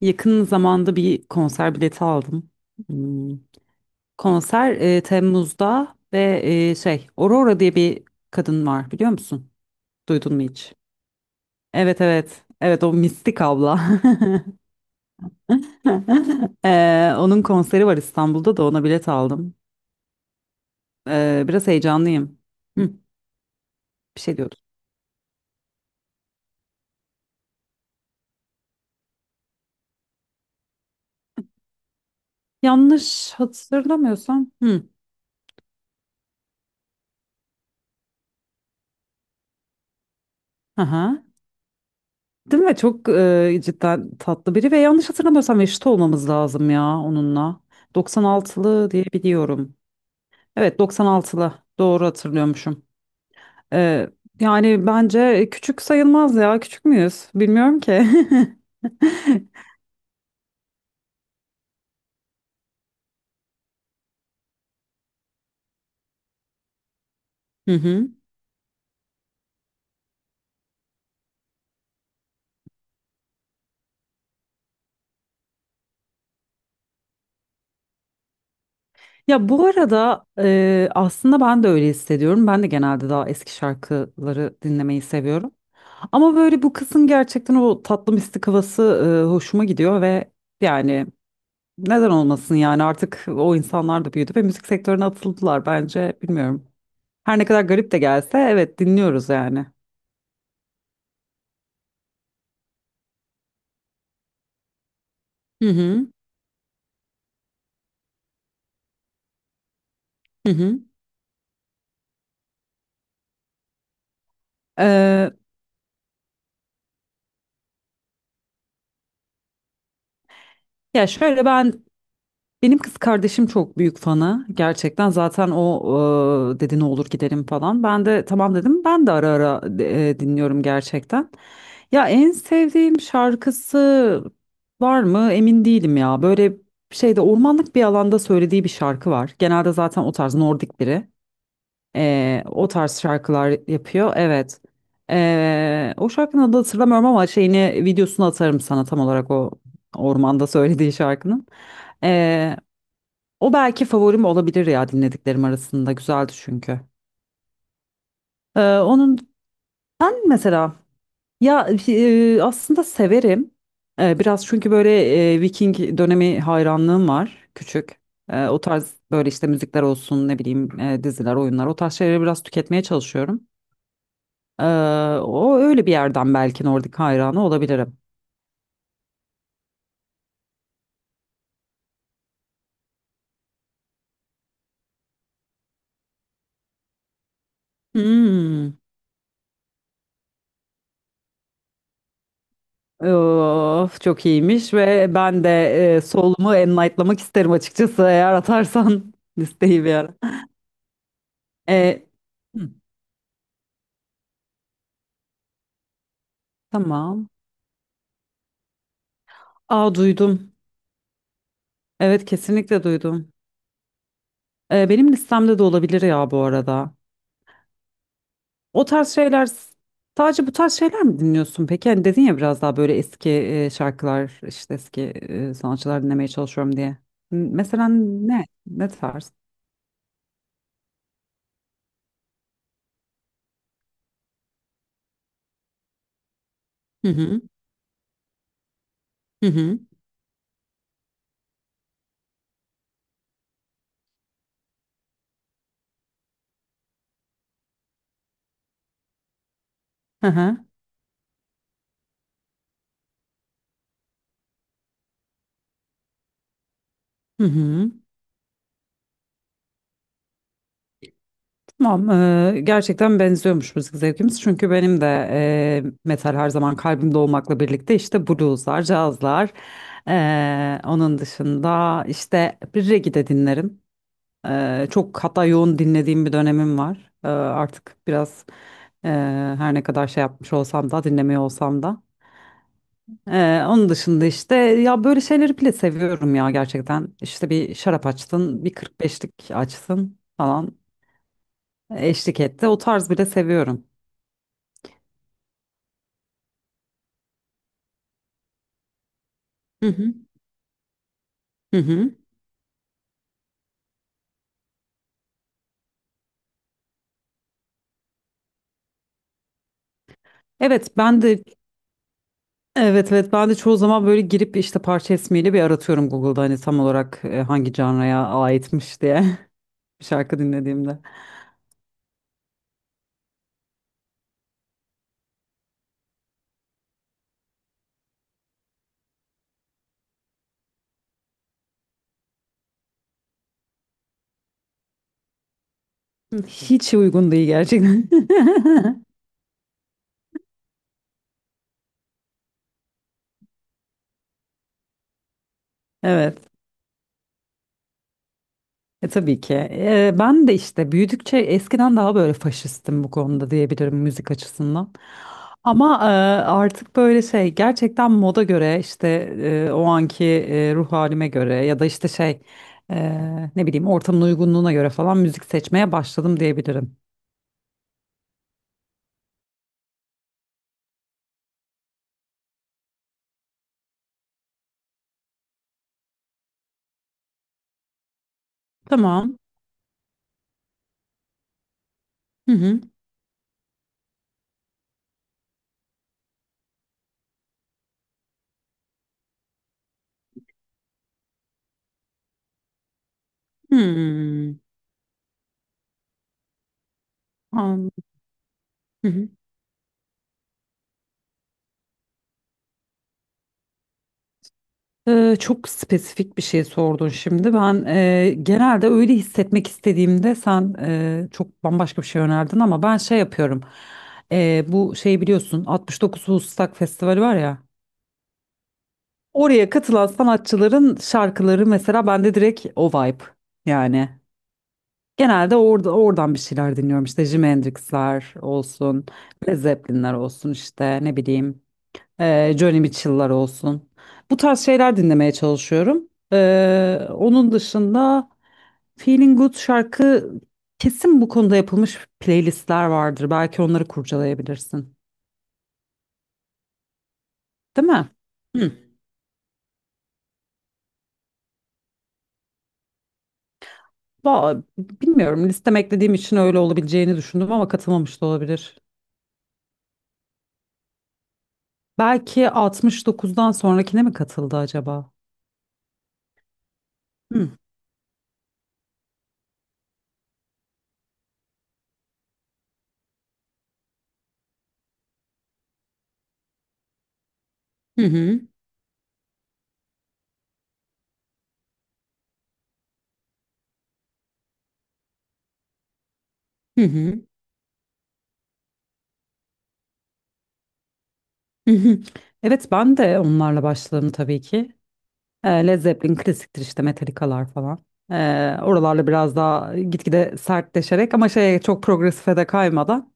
Yakın zamanda bir konser bileti aldım. Hmm. Konser Temmuz'da ve Aurora diye bir kadın var, biliyor musun? Duydun mu hiç? Evet, evet. Evet, o mistik abla. Onun konseri var İstanbul'da, da ona bilet aldım. Biraz heyecanlıyım. Hı, bir şey diyordum. Yanlış hatırlamıyorsam. Hı. Aha. Değil mi? Çok cidden tatlı biri ve yanlış hatırlamıyorsam eşit olmamız lazım ya onunla. 96'lı diye biliyorum. Evet, 96'lı doğru hatırlıyormuşum. E, Yani bence küçük sayılmaz ya, küçük müyüz? Bilmiyorum ki. Hı hı. Ya bu arada aslında ben de öyle hissediyorum. Ben de genelde daha eski şarkıları dinlemeyi seviyorum. Ama böyle bu kızın gerçekten o tatlı mistik havası hoşuma gidiyor ve yani neden olmasın? Yani artık o insanlar da büyüdü ve müzik sektörüne atıldılar, bence bilmiyorum. Her ne kadar garip de gelse evet, dinliyoruz yani. Hı hı. Hı hı. Ee, ya şöyle, benim kız kardeşim çok büyük fanı gerçekten, zaten o dedi ne olur gidelim falan. Ben de tamam dedim, ben de ara ara dinliyorum gerçekten. Ya en sevdiğim şarkısı var mı emin değilim ya, böyle şeyde ormanlık bir alanda söylediği bir şarkı var. Genelde zaten o tarz Nordik biri. O tarz şarkılar yapıyor. Evet. O şarkının adını hatırlamıyorum ama şeyini, videosunu atarım sana tam olarak o ormanda söylediği şarkının. Ee, O belki favorim olabilir ya dinlediklerim arasında. Güzeldi çünkü. Onun mesela ya aslında severim. Biraz çünkü böyle Viking dönemi hayranlığım var küçük. O tarz böyle işte müzikler olsun, ne bileyim diziler, oyunlar, o tarz şeyleri biraz tüketmeye çalışıyorum. Ee, O öyle bir yerden belki Nordik hayranı olabilirim. Hmm. Of, çok iyiymiş ve ben de solumu enlightlamak isterim açıkçası, eğer atarsan listeyi bir ara. E, hı, tamam. Aa, duydum. Evet, kesinlikle duydum. Benim listemde de olabilir ya bu arada. O tarz şeyler sadece bu tarz şeyler mi dinliyorsun peki? Hani dedin ya biraz daha böyle eski şarkılar, işte eski sanatçılar dinlemeye çalışıyorum diye. Mesela ne? Ne tarz? Hı hı, hı hı, hı hı. Hı hı. Tamam. Gerçekten benziyormuş müzik zevkimiz. Çünkü benim de metal her zaman kalbimde olmakla birlikte işte blueslar, cazlar. Onun dışında işte bir reggae de dinlerim. Çok hatta yoğun dinlediğim bir dönemim var. Artık biraz eee, her ne kadar şey yapmış olsam da, dinlemiyor olsam da. Onun dışında işte ya böyle şeyleri bile seviyorum ya gerçekten. İşte bir şarap açtın, bir 45'lik açtın falan eşlik etti. O tarz bile seviyorum. Hı hı. Hı hı. Evet ben de evet, evet, ben de çoğu zaman böyle girip işte parça ismiyle bir aratıyorum Google'da, hani tam olarak hangi canraya aitmiş diye bir şarkı dinlediğimde. Hiç uygun değil gerçekten. Evet. Tabii ki. Ben de işte büyüdükçe eskiden daha böyle faşistim bu konuda diyebilirim, müzik açısından. Ama artık böyle şey, gerçekten moda göre, işte o anki ruh halime göre ya da işte ne bileyim ortamın uygunluğuna göre falan müzik seçmeye başladım diyebilirim. Tamam. Hı hı. Hmm. An- Hı hı. Çok spesifik bir şey sordun şimdi. Ben genelde öyle hissetmek istediğimde sen çok bambaşka bir şey önerdin ama ben şey yapıyorum. Bu şeyi biliyorsun, 69 Woodstock Festivali var ya. Oraya katılan sanatçıların şarkıları mesela bende direkt o vibe yani. Genelde orada, oradan bir şeyler dinliyorum, işte Jimi Hendrix'ler olsun, Led Zeppelin'ler olsun, işte ne bileyim Joni Mitchell'lar olsun. Bu tarz şeyler dinlemeye çalışıyorum. Onun dışında Feeling Good şarkı, kesin bu konuda yapılmış playlistler vardır. Belki onları kurcalayabilirsin. Değil mi? Hı. Bilmiyorum. Listeme eklediğim için öyle olabileceğini düşündüm ama katılmamış da olabilir. Belki 69'dan sonrakine mi katıldı acaba? Hı hı. Hı hı. Hı hı. Evet ben de onlarla başladım tabii ki. Led Zeppelin klasiktir, işte Metallica'lar falan. E, Oralarla biraz daha gitgide sertleşerek ama şeye, çok progresife de kaymadan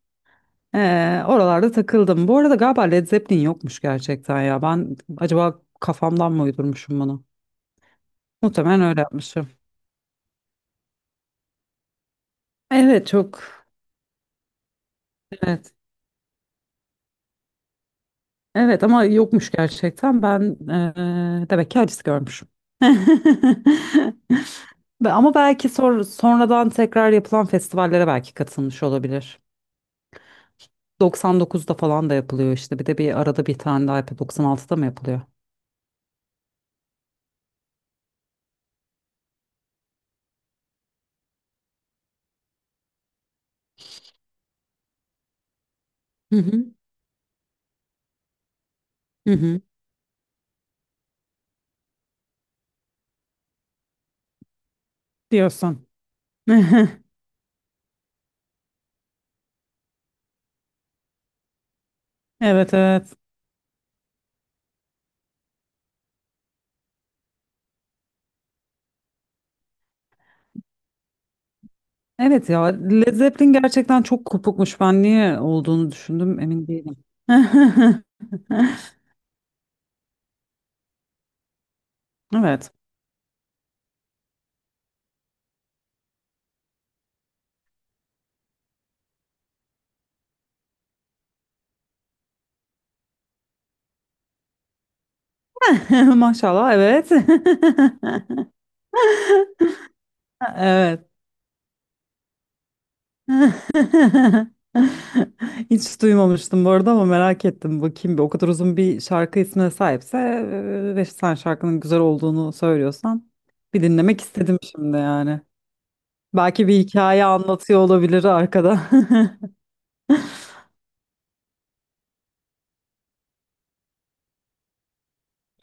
oralarda takıldım. Bu arada galiba Led Zeppelin yokmuş gerçekten ya. Ben acaba kafamdan mı uydurmuşum bunu? Muhtemelen öyle yapmışım. Evet, çok. Evet. Evet ama yokmuş gerçekten. Ben demek ki acısı görmüşüm. Ama belki sonradan tekrar yapılan festivallere belki katılmış olabilir. 99'da falan da yapılıyor işte. Bir de bir arada bir tane daha yapıyor. 96'da mı yapılıyor? Hı hı, hı hı. Diyorsun. Evet, evet. Evet ya, Led Zeppelin gerçekten çok kopukmuş. Ben niye olduğunu düşündüm emin değilim. Evet. Maşallah, evet. Evet. Hiç duymamıştım bu arada ama merak ettim. Bakayım, bir o kadar uzun bir şarkı ismine sahipse ve sen şarkının güzel olduğunu söylüyorsan bir dinlemek istedim şimdi yani. Belki bir hikaye anlatıyor olabilir arkada.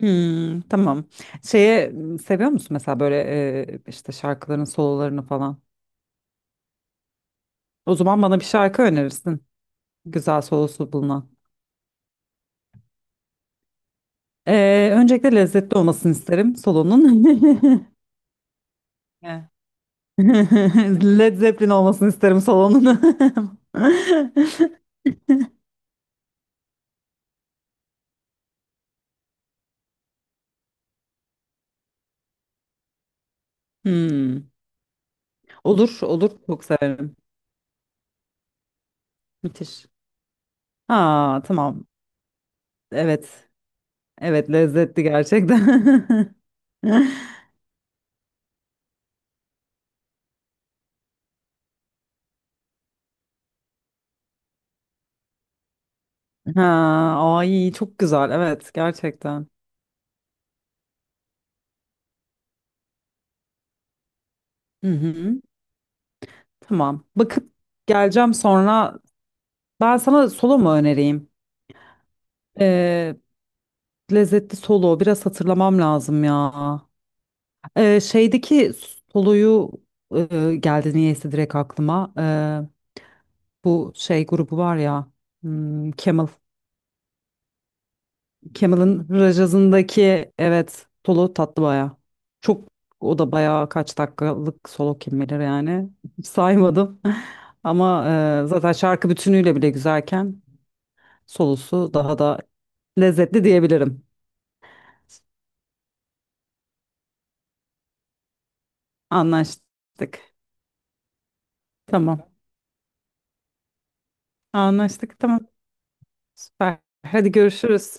Hmm, tamam. Seviyor musun mesela böyle işte şarkıların sololarını falan? O zaman bana bir şarkı önerirsin. Güzel solosu bulunan. Öncelikle lezzetli olmasını isterim solonun. Evet. Led Zeppelin olmasını isterim salonun. Hmm. Olur, olur. Çok severim. Müthiş. Ha, tamam. Evet. Evet, lezzetli gerçekten. Ha, ay çok güzel. Evet, gerçekten. Hı hı. Tamam. Bakıp geleceğim sonra. Ben sana solo mu önereyim? Ee, Lezzetli solo. Biraz hatırlamam lazım ya. Şeydeki soloyu, geldi niyeyse direkt aklıma. Bu şey grubu var ya. Hmm, Kemal. Kemal'ın Rajaz'ındaki, evet, solo tatlı baya. Çok, o da baya kaç dakikalık solo kim bilir yani. Hiç saymadım. Ama zaten şarkı bütünüyle bile güzelken solosu daha da lezzetli diyebilirim. Anlaştık. Tamam. Anlaştık. Tamam. Süper. Hadi görüşürüz.